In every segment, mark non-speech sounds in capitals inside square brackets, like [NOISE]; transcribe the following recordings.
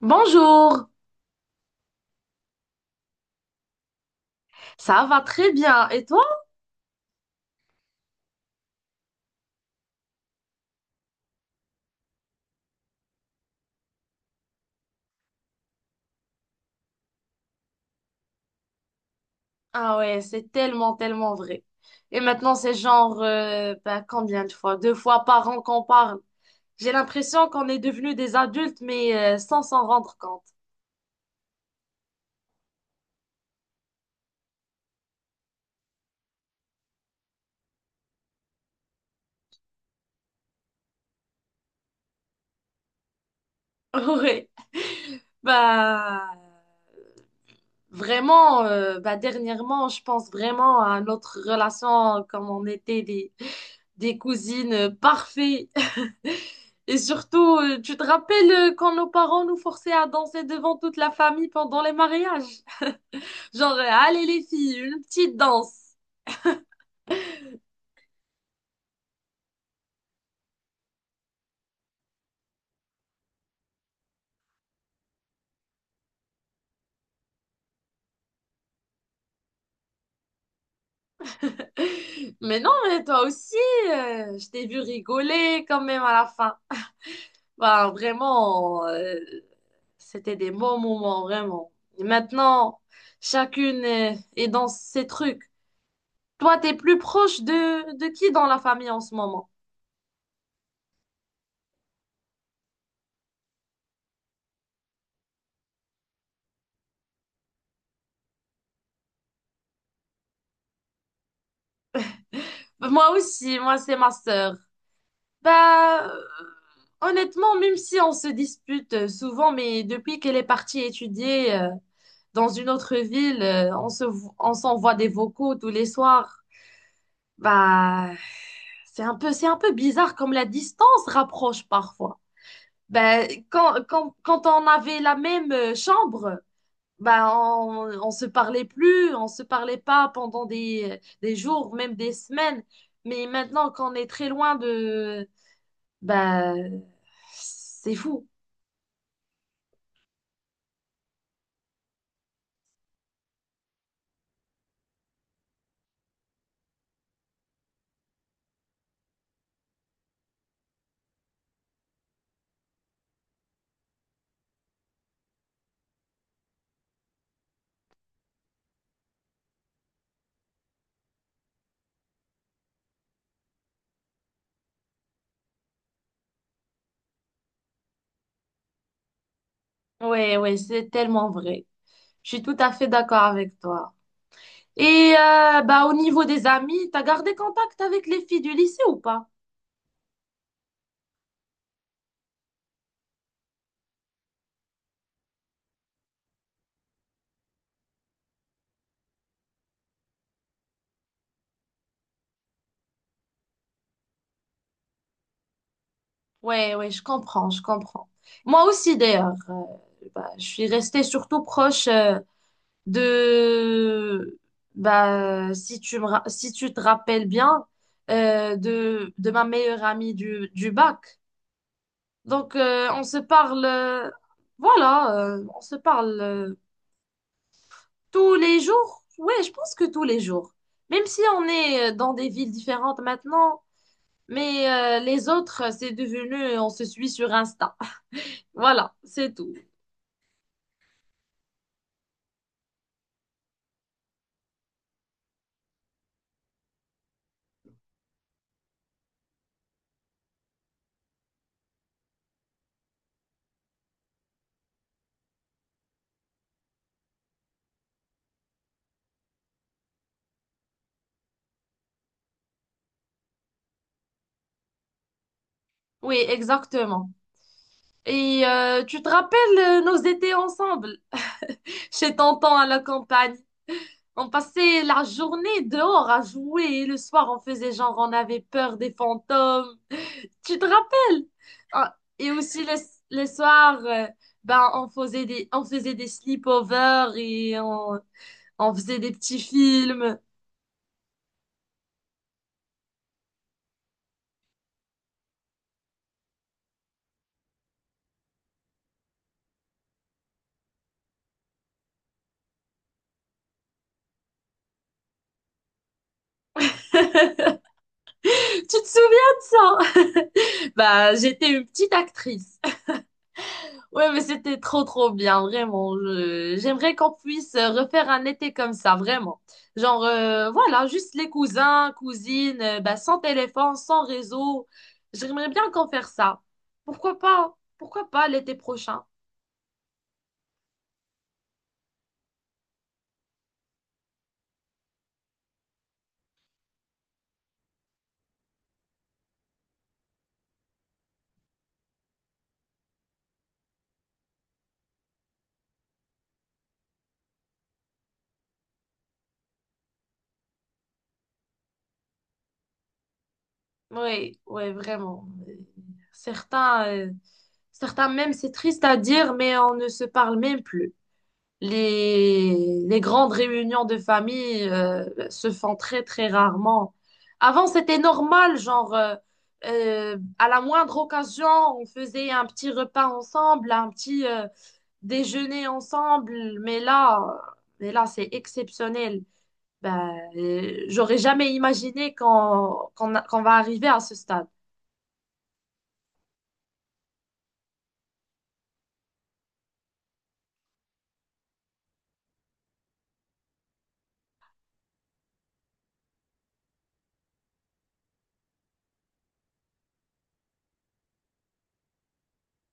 Bonjour, ça va très bien. Et toi? Ah ouais, c'est tellement, tellement vrai. Et maintenant, c'est genre, combien de fois? Deux fois par an qu'on parle. J'ai l'impression qu'on est devenus des adultes, mais sans s'en rendre compte. [LAUGHS] Ouais, bah vraiment, bah, dernièrement, je pense vraiment à notre relation comme on était des cousines parfaites. Et surtout, tu te rappelles quand nos parents nous forçaient à danser devant toute la famille pendant les mariages? Genre, allez les filles, une petite danse. [LAUGHS] Mais non, mais toi aussi, je t'ai vu rigoler quand même à la fin. Bah, vraiment, c'était des bons moments, vraiment. Et maintenant, chacune est, est dans ses trucs. Toi, t'es plus proche de qui dans la famille en ce moment? Moi aussi, moi, c'est ma sœur. Bah, honnêtement, même si on se dispute souvent, mais depuis qu'elle est partie étudier dans une autre ville, on se, on s'envoie des vocaux tous les soirs. Bah, c'est un peu bizarre comme la distance rapproche parfois. Bah, quand on avait la même chambre, bah, on se parlait plus, on se parlait pas pendant des jours, même des semaines. Mais maintenant qu'on est très loin de bah, c'est fou. Ouais, ouais, c'est tellement vrai. Je suis tout à fait d'accord avec toi. Et bah, au niveau des amis, t'as gardé contact avec les filles du lycée ou pas? Ouais, ouais, je comprends, je comprends. Moi aussi, d'ailleurs, bah, je suis restée surtout proche de, bah, si tu me, si tu te rappelles bien, de ma meilleure amie du bac. Donc, on se parle, voilà, on se parle tous les jours. Ouais, je pense que tous les jours. Même si on est dans des villes différentes maintenant, mais les autres, c'est devenu, on se suit sur Insta. [LAUGHS] Voilà, c'est tout. Oui, exactement. Et tu te rappelles nos étés ensemble, [LAUGHS] chez Tonton à la campagne. On passait la journée dehors à jouer et le soir, on faisait genre, on avait peur des fantômes. Tu te rappelles? Ah, et aussi le soir, ben, on faisait des sleepovers et on faisait des petits films. [LAUGHS] Tu te souviens de ça? Bah, j'étais une petite actrice. [LAUGHS] Ouais, mais c'était trop, trop bien, vraiment. J'aimerais qu'on puisse refaire un été comme ça, vraiment. Genre, voilà, juste les cousins, cousines, bah, sans téléphone, sans réseau. J'aimerais bien qu'on fasse ça. Pourquoi pas? Pourquoi pas l'été prochain? Oui, oui, vraiment. Certains, certains même, c'est triste à dire, mais on ne se parle même plus. Les grandes réunions de famille, se font très, très rarement. Avant, c'était normal, genre, à la moindre occasion, on faisait un petit repas ensemble, un petit, déjeuner ensemble, mais là, c'est exceptionnel. Ben, j'aurais jamais imaginé qu'on va arriver à ce stade.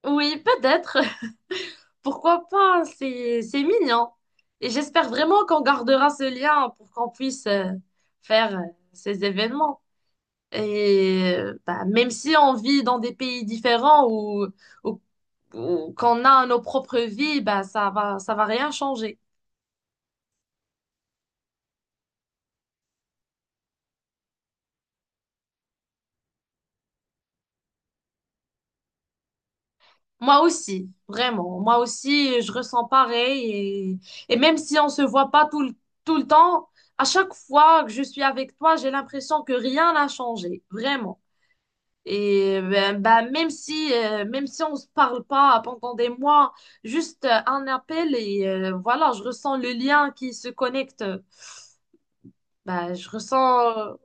Oui, peut-être. [LAUGHS] Pourquoi pas? C'est mignon. Et j'espère vraiment qu'on gardera ce lien pour qu'on puisse faire ces événements. Et bah, même si on vit dans des pays différents ou, ou- ou qu'on a nos propres vies, bah, ça va rien changer. Moi aussi, vraiment. Moi aussi, je ressens pareil. Et même si on se voit pas tout le, tout le temps, à chaque fois que je suis avec toi, j'ai l'impression que rien n'a changé. Vraiment. Et ben, ben, même si on se parle pas pendant des mois, juste un appel et voilà, je ressens le lien qui se connecte. Ben, je ressens,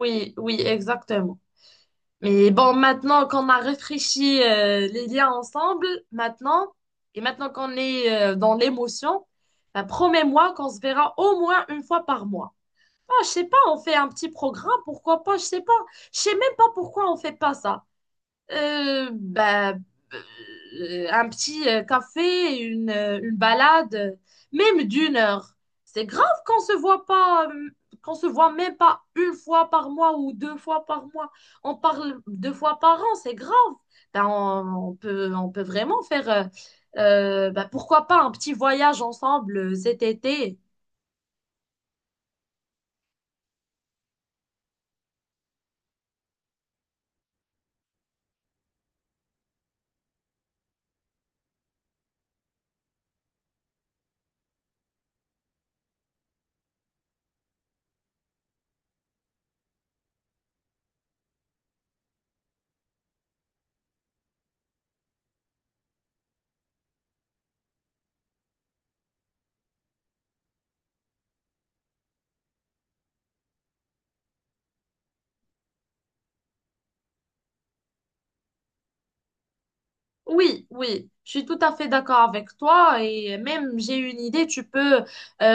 oui, oui, exactement. Mais bon, maintenant qu'on a réfléchi les liens ensemble, maintenant, et maintenant qu'on est dans l'émotion, ben, promets-moi qu'on se verra au moins une fois par mois. Ah, je sais pas, on fait un petit programme, pourquoi pas, je sais pas. Je sais même pas pourquoi on fait pas ça. Bah, un petit café, une balade, même d'une heure. C'est grave qu'on se voit pas, qu'on se voit même pas une fois par mois ou deux fois par mois. On parle deux fois par an, c'est grave. Ben, on peut vraiment faire, ben, pourquoi pas un petit voyage ensemble cet été. Oui, oui, je suis tout à fait d'accord avec toi et même j'ai une idée, tu peux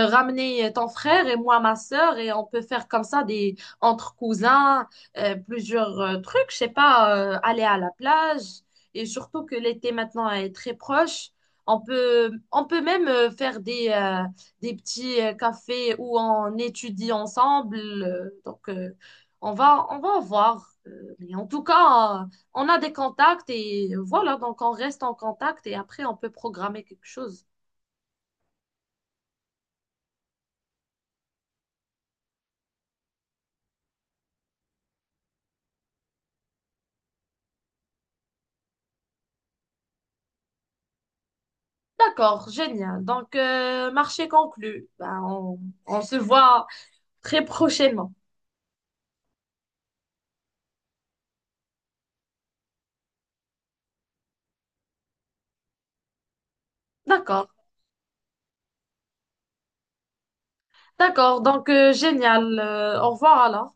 ramener ton frère et moi ma sœur et on peut faire comme ça des entre cousins, plusieurs trucs, je sais pas, aller à la plage et surtout que l'été maintenant est très proche, on peut même faire des petits cafés où on étudie ensemble, donc on va voir. Mais en tout cas. On a des contacts et voilà, donc on reste en contact et après on peut programmer quelque chose. D'accord, génial. Donc, marché conclu. Ben, on se voit très prochainement. D'accord, d'accord. Donc, génial. Au revoir alors.